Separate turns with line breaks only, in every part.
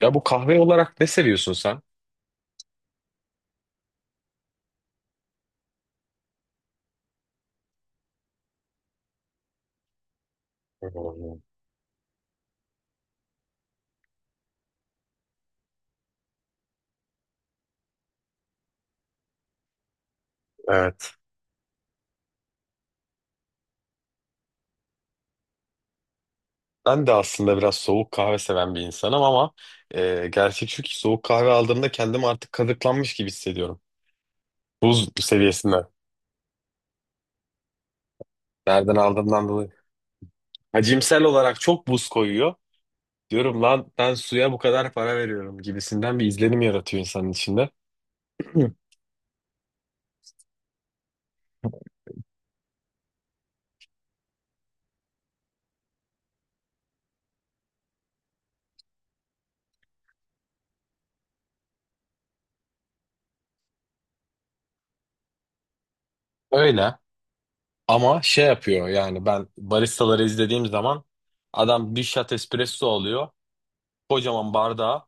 Ya bu kahve olarak ne seviyorsun sen? Hmm. Evet. Ben de aslında biraz soğuk kahve seven bir insanım ama gerçek şu ki soğuk kahve aldığımda kendimi artık kazıklanmış gibi hissediyorum. Buz seviyesinde. Nereden aldığımdan dolayı. Hacimsel olarak çok buz koyuyor. Diyorum lan ben suya bu kadar para veriyorum gibisinden bir izlenim yaratıyor insanın içinde. Hı. Öyle ama şey yapıyor yani ben baristaları izlediğim zaman adam bir shot espresso alıyor. Kocaman bardağı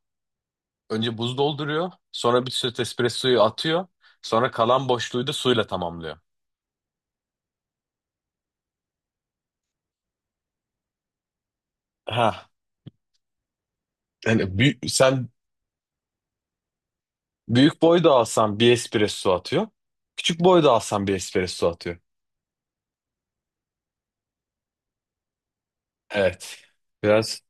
önce buz dolduruyor. Sonra bir süt espressoyu atıyor. Sonra kalan boşluğu da suyla tamamlıyor. Ha. Yani büyük, sen büyük boy da alsan bir espresso atıyor. Küçük boy da alsan bir espresso atıyor. Evet. Biraz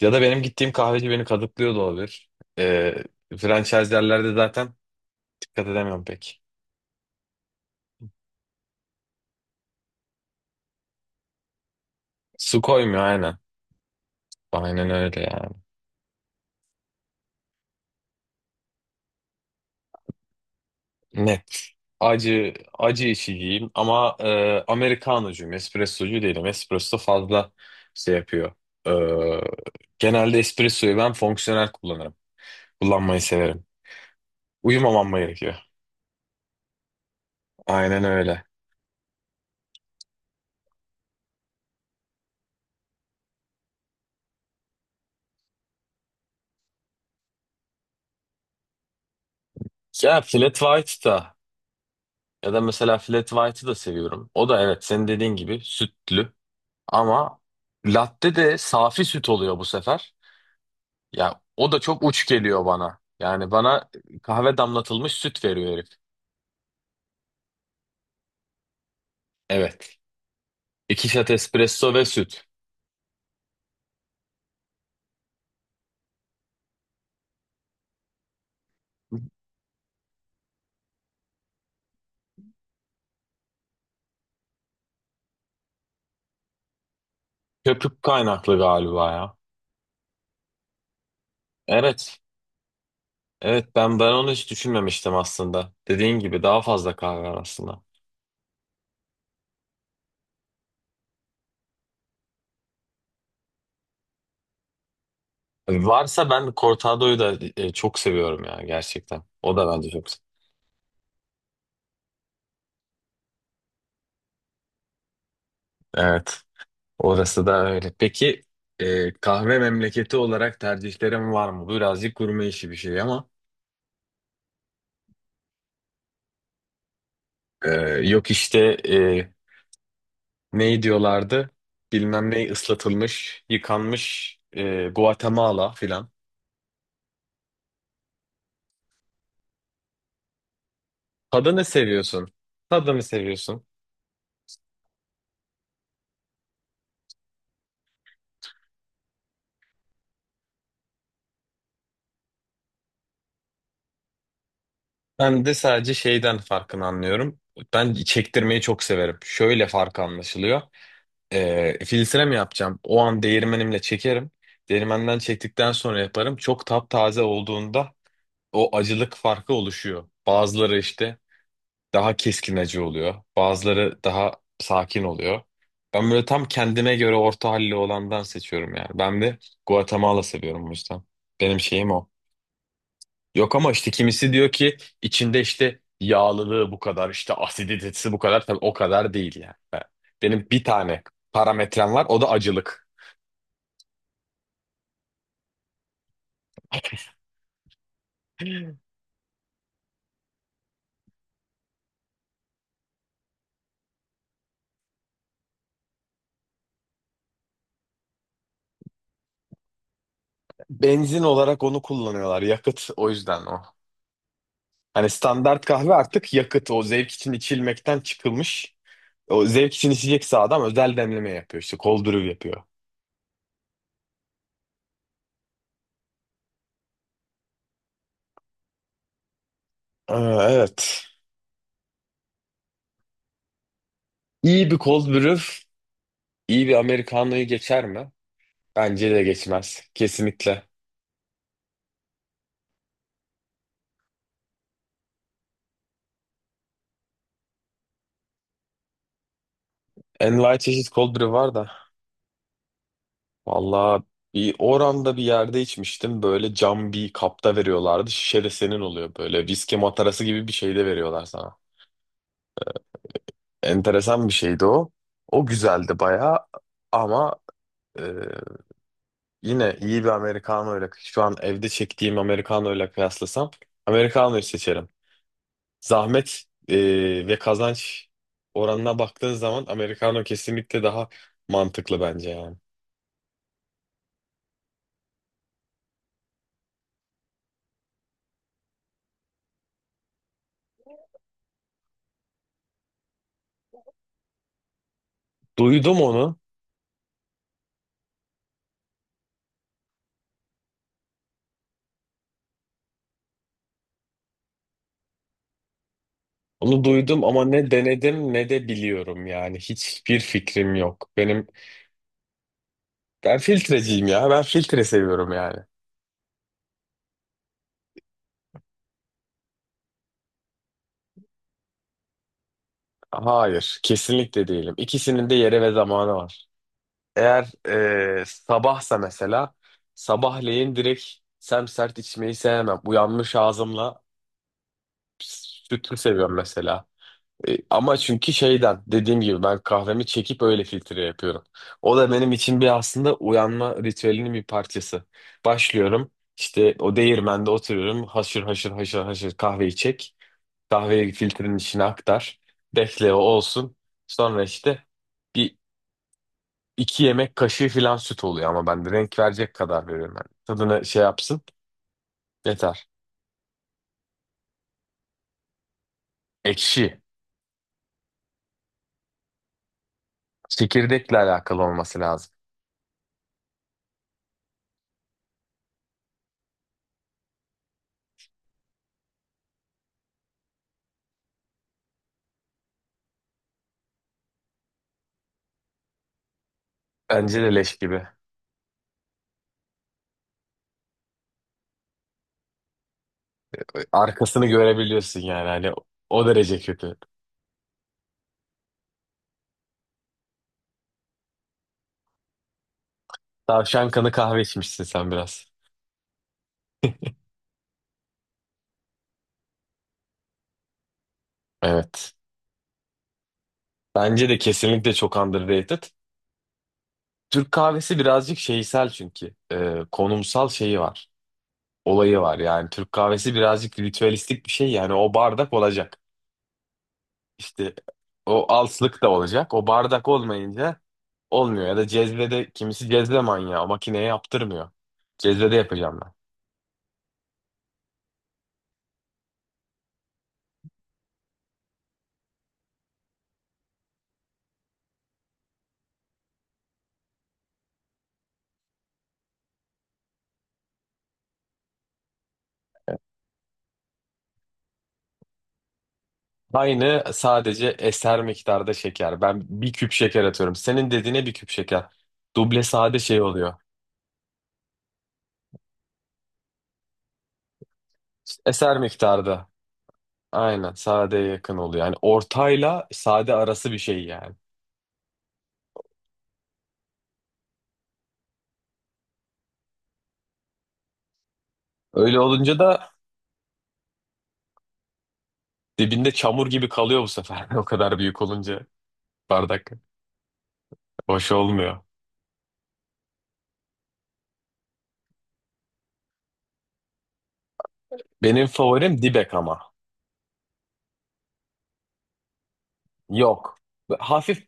ya da benim gittiğim kahveci beni kadıklıyor da olabilir. Ee, franchise yerlerde zaten dikkat edemiyorum pek. Su koymuyor aynen. Aynen öyle yani. Ne acı acı içiciyim ama Amerikanocuyum, espressocu değilim. Espresso fazla şey yapıyor. E, genelde espressoyu ben fonksiyonel kullanırım. Kullanmayı severim. Uyumamam gerekiyor. Aynen öyle. Ya flat white da ya da mesela flat white'ı da seviyorum. O da evet senin dediğin gibi sütlü ama latte de safi süt oluyor bu sefer. Ya o da çok uç geliyor bana. Yani bana kahve damlatılmış süt veriyor herif. Evet. İki şat espresso ve süt. Köpük kaynaklı galiba ya. Evet. Evet ben onu hiç düşünmemiştim aslında. Dediğin gibi daha fazla kahve var aslında. Varsa ben cortado'yu da çok seviyorum ya gerçekten. O da bence çok. Evet. Orası da öyle. Peki kahve memleketi olarak tercihlerim var mı? Bu birazcık gurme işi bir şey ama. e, yok işte e, ne diyorlardı? Bilmem ne ıslatılmış, yıkanmış Guatemala filan. Tadını seviyorsun. Tadını seviyorsun. Ben de sadece şeyden farkını anlıyorum. Ben çektirmeyi çok severim. Şöyle farkı anlaşılıyor. Filtre mi yapacağım? O an değirmenimle çekerim. Değirmenden çektikten sonra yaparım. Çok taptaze olduğunda o acılık farkı oluşuyor. Bazıları işte daha keskin acı oluyor. Bazıları daha sakin oluyor. Ben böyle tam kendime göre orta halli olandan seçiyorum yani. Ben de Guatemala seviyorum bu yüzden. Benim şeyim o. Yok ama işte kimisi diyor ki içinde işte yağlılığı bu kadar, işte asiditesi bu kadar. Tabii o kadar değil yani. Ben- benim bir tane parametrem var, o da acılık. Benzin olarak onu kullanıyorlar, yakıt o yüzden o. Hani standart kahve artık yakıt, o zevk için içilmekten çıkılmış. O zevk için içecekse adam özel demleme yapıyor işte, cold brew yapıyor. Aa, evet. İyi bir cold brew, iyi bir Americano'yu geçer mi? Bence de geçmez, kesinlikle. Envai çeşit cold brew var da. Valla bir oranda bir yerde içmiştim. Böyle cam bir kapta veriyorlardı. Şişe de senin oluyor böyle. Viski matarası gibi bir şey de veriyorlar sana. Enteresan bir şeydi o. O güzeldi baya ama e, yine iyi bir Americano ile şu an evde çektiğim Americano ile kıyaslasam Americano'yu seçerim. Zahmet ve kazanç oranına baktığın zaman Americano kesinlikle daha mantıklı bence yani. Duydum onu. Onu duydum ama ne denedim ne de biliyorum yani. Hiçbir fikrim yok. Benim ben filtreciyim ya. Ben filtre seviyorum yani. Hayır, kesinlikle değilim. İkisinin de yeri ve zamanı var. Eğer sabahsa mesela sabahleyin direkt semsert içmeyi sevmem. Uyanmış ağzımla sütlü seviyorum mesela. Ama çünkü şeyden dediğim gibi ben kahvemi çekip öyle filtre yapıyorum. O da benim için bir aslında uyanma ritüelinin bir parçası. Başlıyorum işte o değirmende oturuyorum haşır haşır haşır haşır kahveyi çek. Kahveyi filtrenin içine aktar. Bekle o olsun. Sonra işte bir iki yemek kaşığı falan süt oluyor ama ben de renk verecek kadar veriyorum. Yani tadını şey yapsın yeter. Ekşi. Çekirdekle alakalı olması lazım. Bence de leş gibi. Arkasını görebiliyorsun yani hani o derece kötü. Tavşan kanı kahve içmişsin sen biraz. Evet. Bence de kesinlikle çok underrated. Türk kahvesi birazcık şeysel çünkü. Konumsal şeyi var. Olayı var yani. Türk kahvesi birazcık ritüelistik bir şey yani. O bardak olacak. İşte o alslık da olacak. O bardak olmayınca olmuyor. Ya da cezvede kimisi cezve manyağı. Makineye yaptırmıyor. Cezvede yapacağım aynı sadece eser miktarda şeker. Ben bir küp şeker atıyorum. Senin dediğine bir küp şeker. Duble sade şey oluyor. Eser miktarda. Aynen sadeye yakın oluyor. Yani ortayla sade arası bir şey yani. Öyle olunca da dibinde çamur gibi kalıyor bu sefer. O kadar büyük olunca bardak hoş olmuyor. Benim favorim dibek ama. Yok. Hafif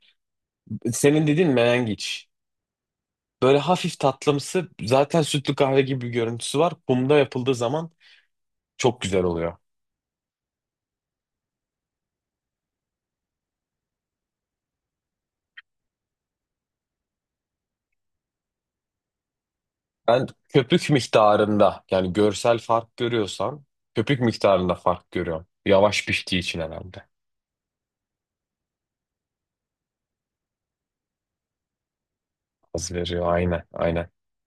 senin dediğin menengiç. Böyle hafif tatlımsı zaten sütlü kahve gibi bir görüntüsü var. Kumda yapıldığı zaman çok güzel oluyor. Ben köpük miktarında yani görsel fark görüyorsam köpük miktarında fark görüyorum. Yavaş piştiği için herhalde. Az veriyor aynen aynen.